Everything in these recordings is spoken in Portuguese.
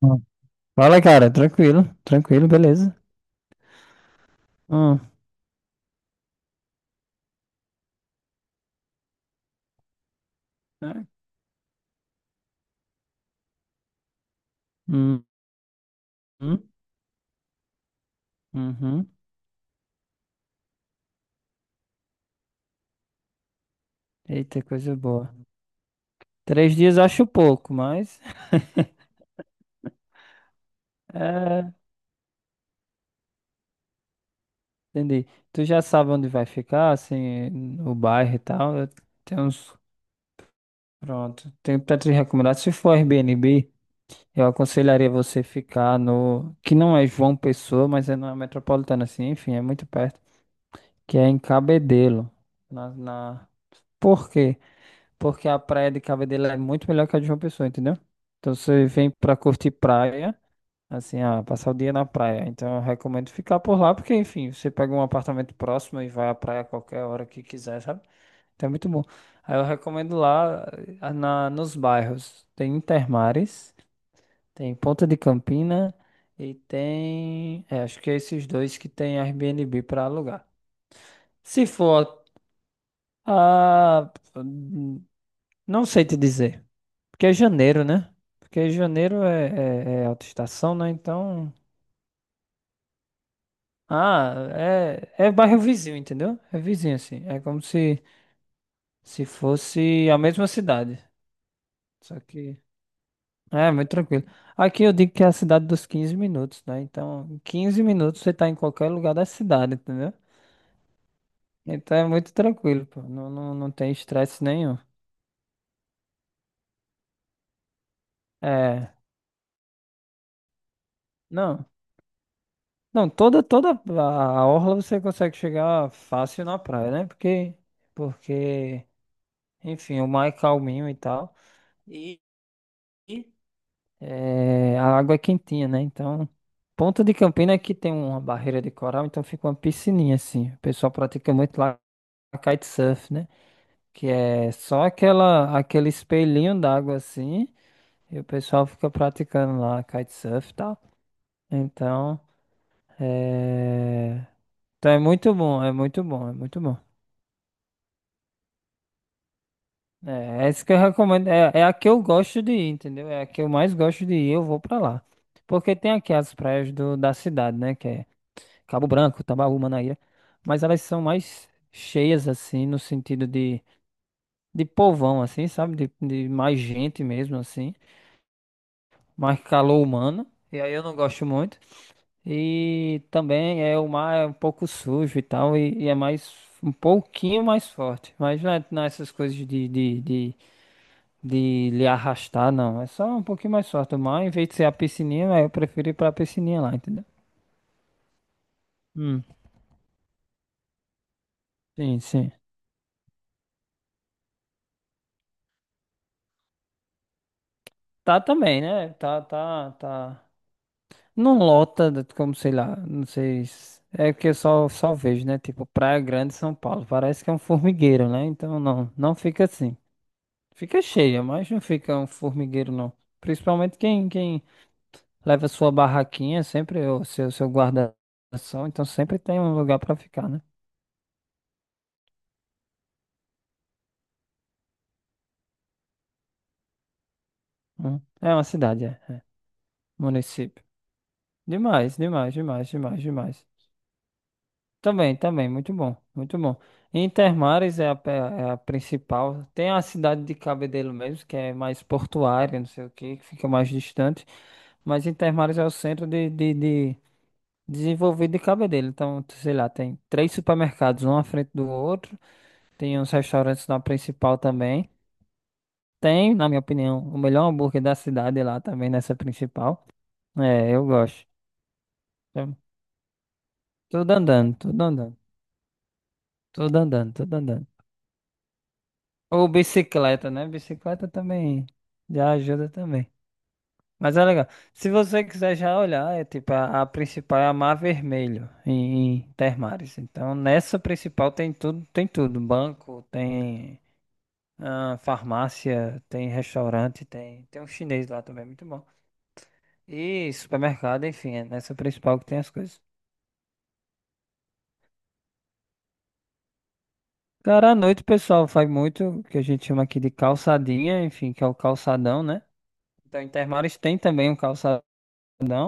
Hum. Fala, cara, tranquilo, tranquilo, beleza. Hum, né? Hum, hum, uhum. Eita, coisa boa. 3 dias eu acho pouco, mas é, entendi. Tu já sabe onde vai ficar, assim, o bairro e tal. Eu tenho uns. Pronto. Tenho pra te recomendar. Se for Airbnb, eu aconselharia você ficar no. Que não é João Pessoa, mas é na metropolitana, assim, enfim, é muito perto. Que é em Cabedelo. Na, na... Por quê? Porque a praia de Cabo Delgado é muito melhor que a de João Pessoa, entendeu? Então você vem pra curtir praia, assim, passar o dia na praia. Então eu recomendo ficar por lá, porque enfim, você pega um apartamento próximo e vai à praia a qualquer hora que quiser, sabe? Então é muito bom. Aí eu recomendo lá, nos bairros. Tem Intermares, tem Ponta de Campina e tem, acho que é esses dois que tem Airbnb pra alugar. Se for, ah, hum, não sei te dizer. Porque é janeiro, né? Porque janeiro é alta estação, né? Então. Ah, é bairro vizinho, entendeu? É vizinho, assim. É como se fosse a mesma cidade. Só que. É, muito tranquilo. Aqui eu digo que é a cidade dos 15 minutos, né? Então, em 15 minutos você tá em qualquer lugar da cidade, entendeu? Então é muito tranquilo, pô. Não, não, não tem estresse nenhum. É. Não. Não, toda a orla você consegue chegar fácil na praia, né? Porque. Porque. Enfim, o mar é calminho e tal. E e a água é quentinha, né? Então, Ponta de Campina aqui tem uma barreira de coral, então fica uma piscininha assim. O pessoal pratica muito lá kitesurf, né? Que é só aquela, aquele espelhinho d'água assim, e o pessoal fica praticando lá kitesurf e tal. Então, é... então é muito bom, é muito bom, é muito bom. É, essa que eu recomendo. É a que eu gosto de ir, entendeu? É a que eu mais gosto de ir, eu vou pra lá. Porque tem aqui as praias do, da cidade, né? Que é Cabo Branco, Tambaú, Manaíra. Mas elas são mais cheias, assim, no sentido de povão, assim, sabe? De mais gente mesmo, assim. Mais calor humano. E aí eu não gosto muito. E também é o mar é um pouco sujo e tal. E é mais, um pouquinho mais forte. Mas não é, não é essas coisas de lhe arrastar, não. É só um pouquinho mais forte. Mas, em vez de ser a piscininha, aí eu prefiro ir pra piscininha lá, entendeu? Hum, sim, sim. Tá também, né? Tá, tá, tá. Não lota, como sei lá, não sei. É que eu só vejo, né? Tipo, Praia Grande, São Paulo. Parece que é um formigueiro, né? Então não, não fica assim. Fica cheia, mas não fica um formigueiro, não. Principalmente quem leva sua barraquinha, sempre, ou seu guarda-ação, então sempre tem um lugar pra ficar, né? Hum. É uma cidade, é. Município. Demais, demais, demais, demais, demais. Também, também, muito bom, muito bom. Intermares é a principal. Tem a cidade de Cabedelo mesmo, que é mais portuária, não sei o quê, que fica mais distante. Mas Intermares é o centro de desenvolvido de Cabedelo. Então, sei lá, tem três supermercados, um à frente do outro. Tem uns restaurantes na principal também. Tem, na minha opinião, o melhor hambúrguer da cidade lá também, nessa principal. É, eu gosto. Então, tudo andando, tudo andando. Tudo andando, tudo andando. Ou bicicleta, né? Bicicleta também já ajuda também. Mas é legal. Se você quiser já olhar, é tipo, a principal é a Mar Vermelho, em Termares. Então, nessa principal tem tudo, tem tudo. Banco, tem farmácia, tem restaurante, tem um chinês lá também, muito bom. E supermercado, enfim, é nessa principal que tem as coisas. Cara, à noite o pessoal faz muito, o que a gente chama aqui de calçadinha, enfim, que é o calçadão, né? Então, Intermares tem também um calçadão,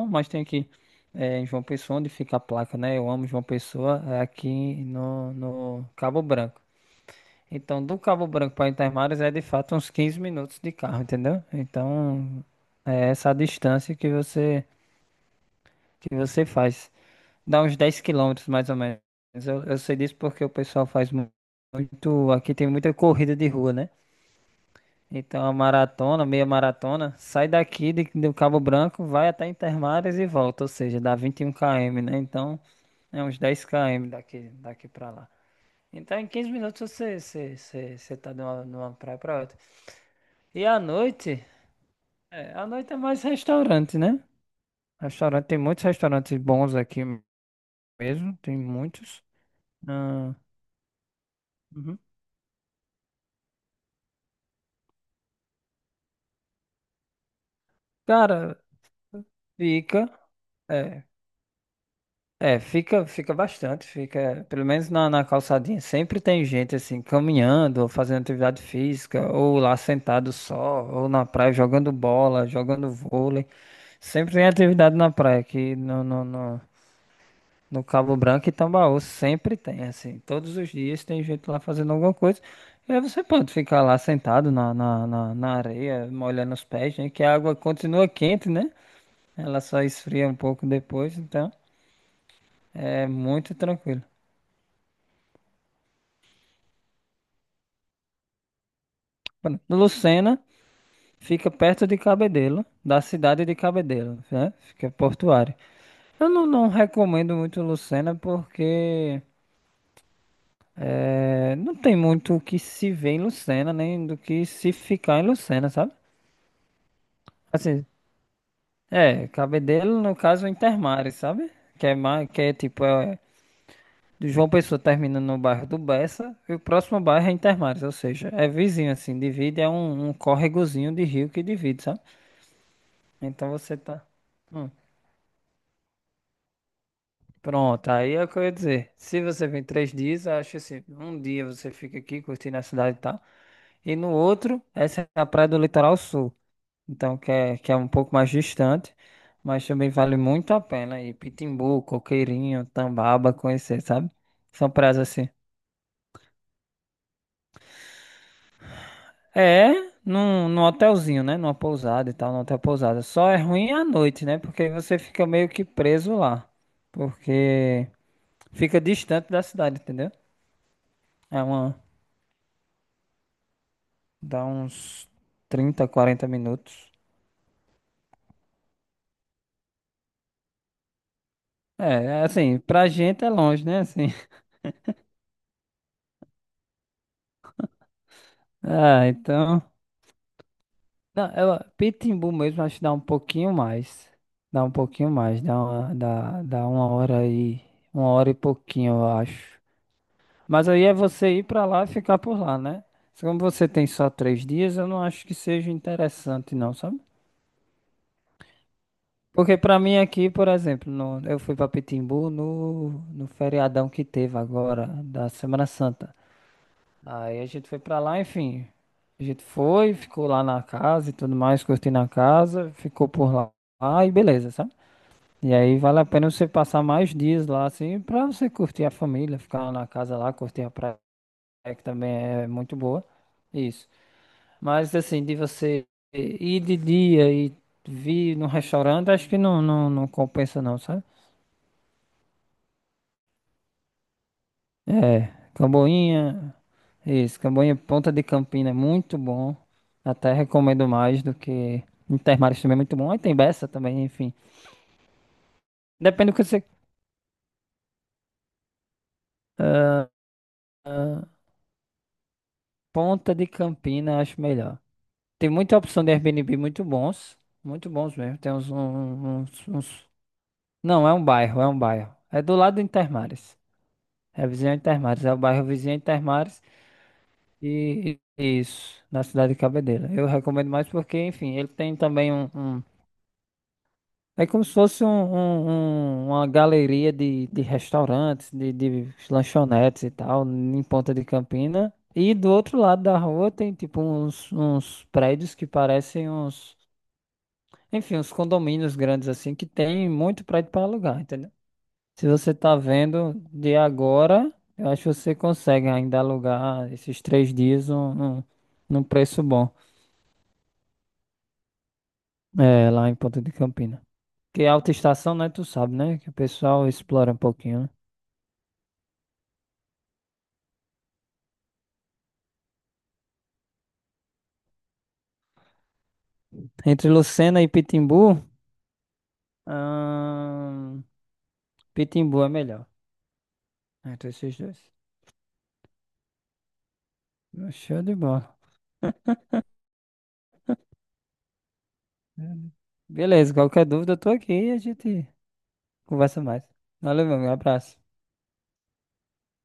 mas tem aqui, em João Pessoa, onde fica a placa, né? Eu amo João Pessoa, é aqui no, no Cabo Branco. Então, do Cabo Branco para Intermares é de fato uns 15 minutos de carro, entendeu? Então, é essa a distância que você faz. Dá uns 10 quilômetros mais ou menos. Eu sei disso porque o pessoal faz muito. Aqui tem muita corrida de rua, né? Então, a maratona, meia maratona, sai daqui do Cabo Branco, vai até Intermares e volta, ou seja, dá 21 km, né? Então, é uns 10 km daqui pra lá. Então, em 15 minutos você tá de uma praia pra outra. E à noite é mais restaurante, né? Restaurante, tem muitos restaurantes bons aqui mesmo, tem muitos. Ah, uhum. Cara, fica. É, fica bastante, fica, pelo menos na calçadinha, sempre tem gente assim, caminhando, ou fazendo atividade física, ou lá sentado só, ou na praia jogando bola, jogando vôlei. Sempre tem atividade na praia, aqui no Cabo Branco e Tambaú, sempre tem, assim, todos os dias tem gente lá fazendo alguma coisa. E aí você pode ficar lá sentado na areia, molhando os pés, né? Que a água continua quente, né? Ela só esfria um pouco depois, então é muito tranquilo. Lucena fica perto de Cabedelo, da cidade de Cabedelo, né? Fica portuária. Eu não, não recomendo muito Lucena porque, não tem muito o que se ver em Lucena, nem do que se ficar em Lucena, sabe? Assim, é, Cabedelo, no caso, é Intermares, sabe? Que é, mais, que é tipo, é, do João Pessoa termina no bairro do Bessa e o próximo bairro é Intermares, ou seja, é vizinho, assim, divide, é um, córregozinho de rio que divide, sabe? Então você tá. Hum. Pronto, aí é o que eu ia dizer. Se você vem 3 dias, eu acho assim, um dia você fica aqui curtindo a cidade e tal. E no outro, essa é a praia do Litoral Sul. Então, que é um pouco mais distante, mas também vale muito a pena ir. Pitimbu, Coqueirinho, Tambaba, conhecer, sabe? São praias assim. É, num, num hotelzinho, né? Numa pousada e tal, num hotel pousada. Só é ruim à noite, né? Porque você fica meio que preso lá. Porque fica distante da cidade, entendeu? É uma. Dá uns 30, 40 minutos. É, assim, pra gente é longe, né? Assim. Ah, então. Não, eu, Pitimbu mesmo, acho que dá um pouquinho mais. Dá um pouquinho mais. Dá uma hora aí. Uma hora e pouquinho, eu acho. Mas aí é você ir pra lá e ficar por lá, né? Só Como você tem só três dias, eu não acho que seja interessante, não, sabe? Porque pra mim aqui, por exemplo, eu fui pra Pitimbu no, no feriadão que teve agora, da Semana Santa. Aí a gente foi pra lá, enfim. A gente foi, ficou lá na casa e tudo mais, curtindo a casa, ficou por lá. Ah, e beleza, sabe? E aí vale a pena você passar mais dias lá, assim, pra você curtir a família, ficar na casa lá, curtir a praia, que também é muito boa. Isso. Mas, assim, de você ir de dia e vir num restaurante, acho que não, não, não compensa não, sabe? É, Camboinha, isso, Camboinha Ponta de Campina é muito bom. Até recomendo mais do que Intermares também é muito bom. Aí tem Bessa também, enfim. Depende do que você. Ah, ah, Ponta de Campina acho melhor. Tem muita opção de Airbnb muito bons mesmo. Tem uns. Não, é um bairro, é um bairro. É do lado do Intermares. É vizinho ao Intermares, é o bairro vizinho ao Intermares e e- isso, na cidade de Cabedelo. Eu recomendo mais porque, enfim, ele tem também um. É como se fosse uma galeria de restaurantes, de lanchonetes e tal, em Ponta de Campina. E do outro lado da rua tem tipo uns prédios que parecem uns, enfim, uns condomínios grandes assim, que tem muito prédio para alugar, entendeu? Se você tá vendo de agora, eu acho que você consegue ainda alugar esses 3 dias num preço bom, é, lá em Ponta de Campina. Que é alta estação, né? Tu sabe, né? Que o pessoal explora um pouquinho, né? Entre Lucena e Pitimbu, ahn, Pitimbu é melhor. Entre esses dois. Show de bola. Beleza, qualquer dúvida eu tô aqui e a gente conversa mais. Valeu, meu amigo, um abraço.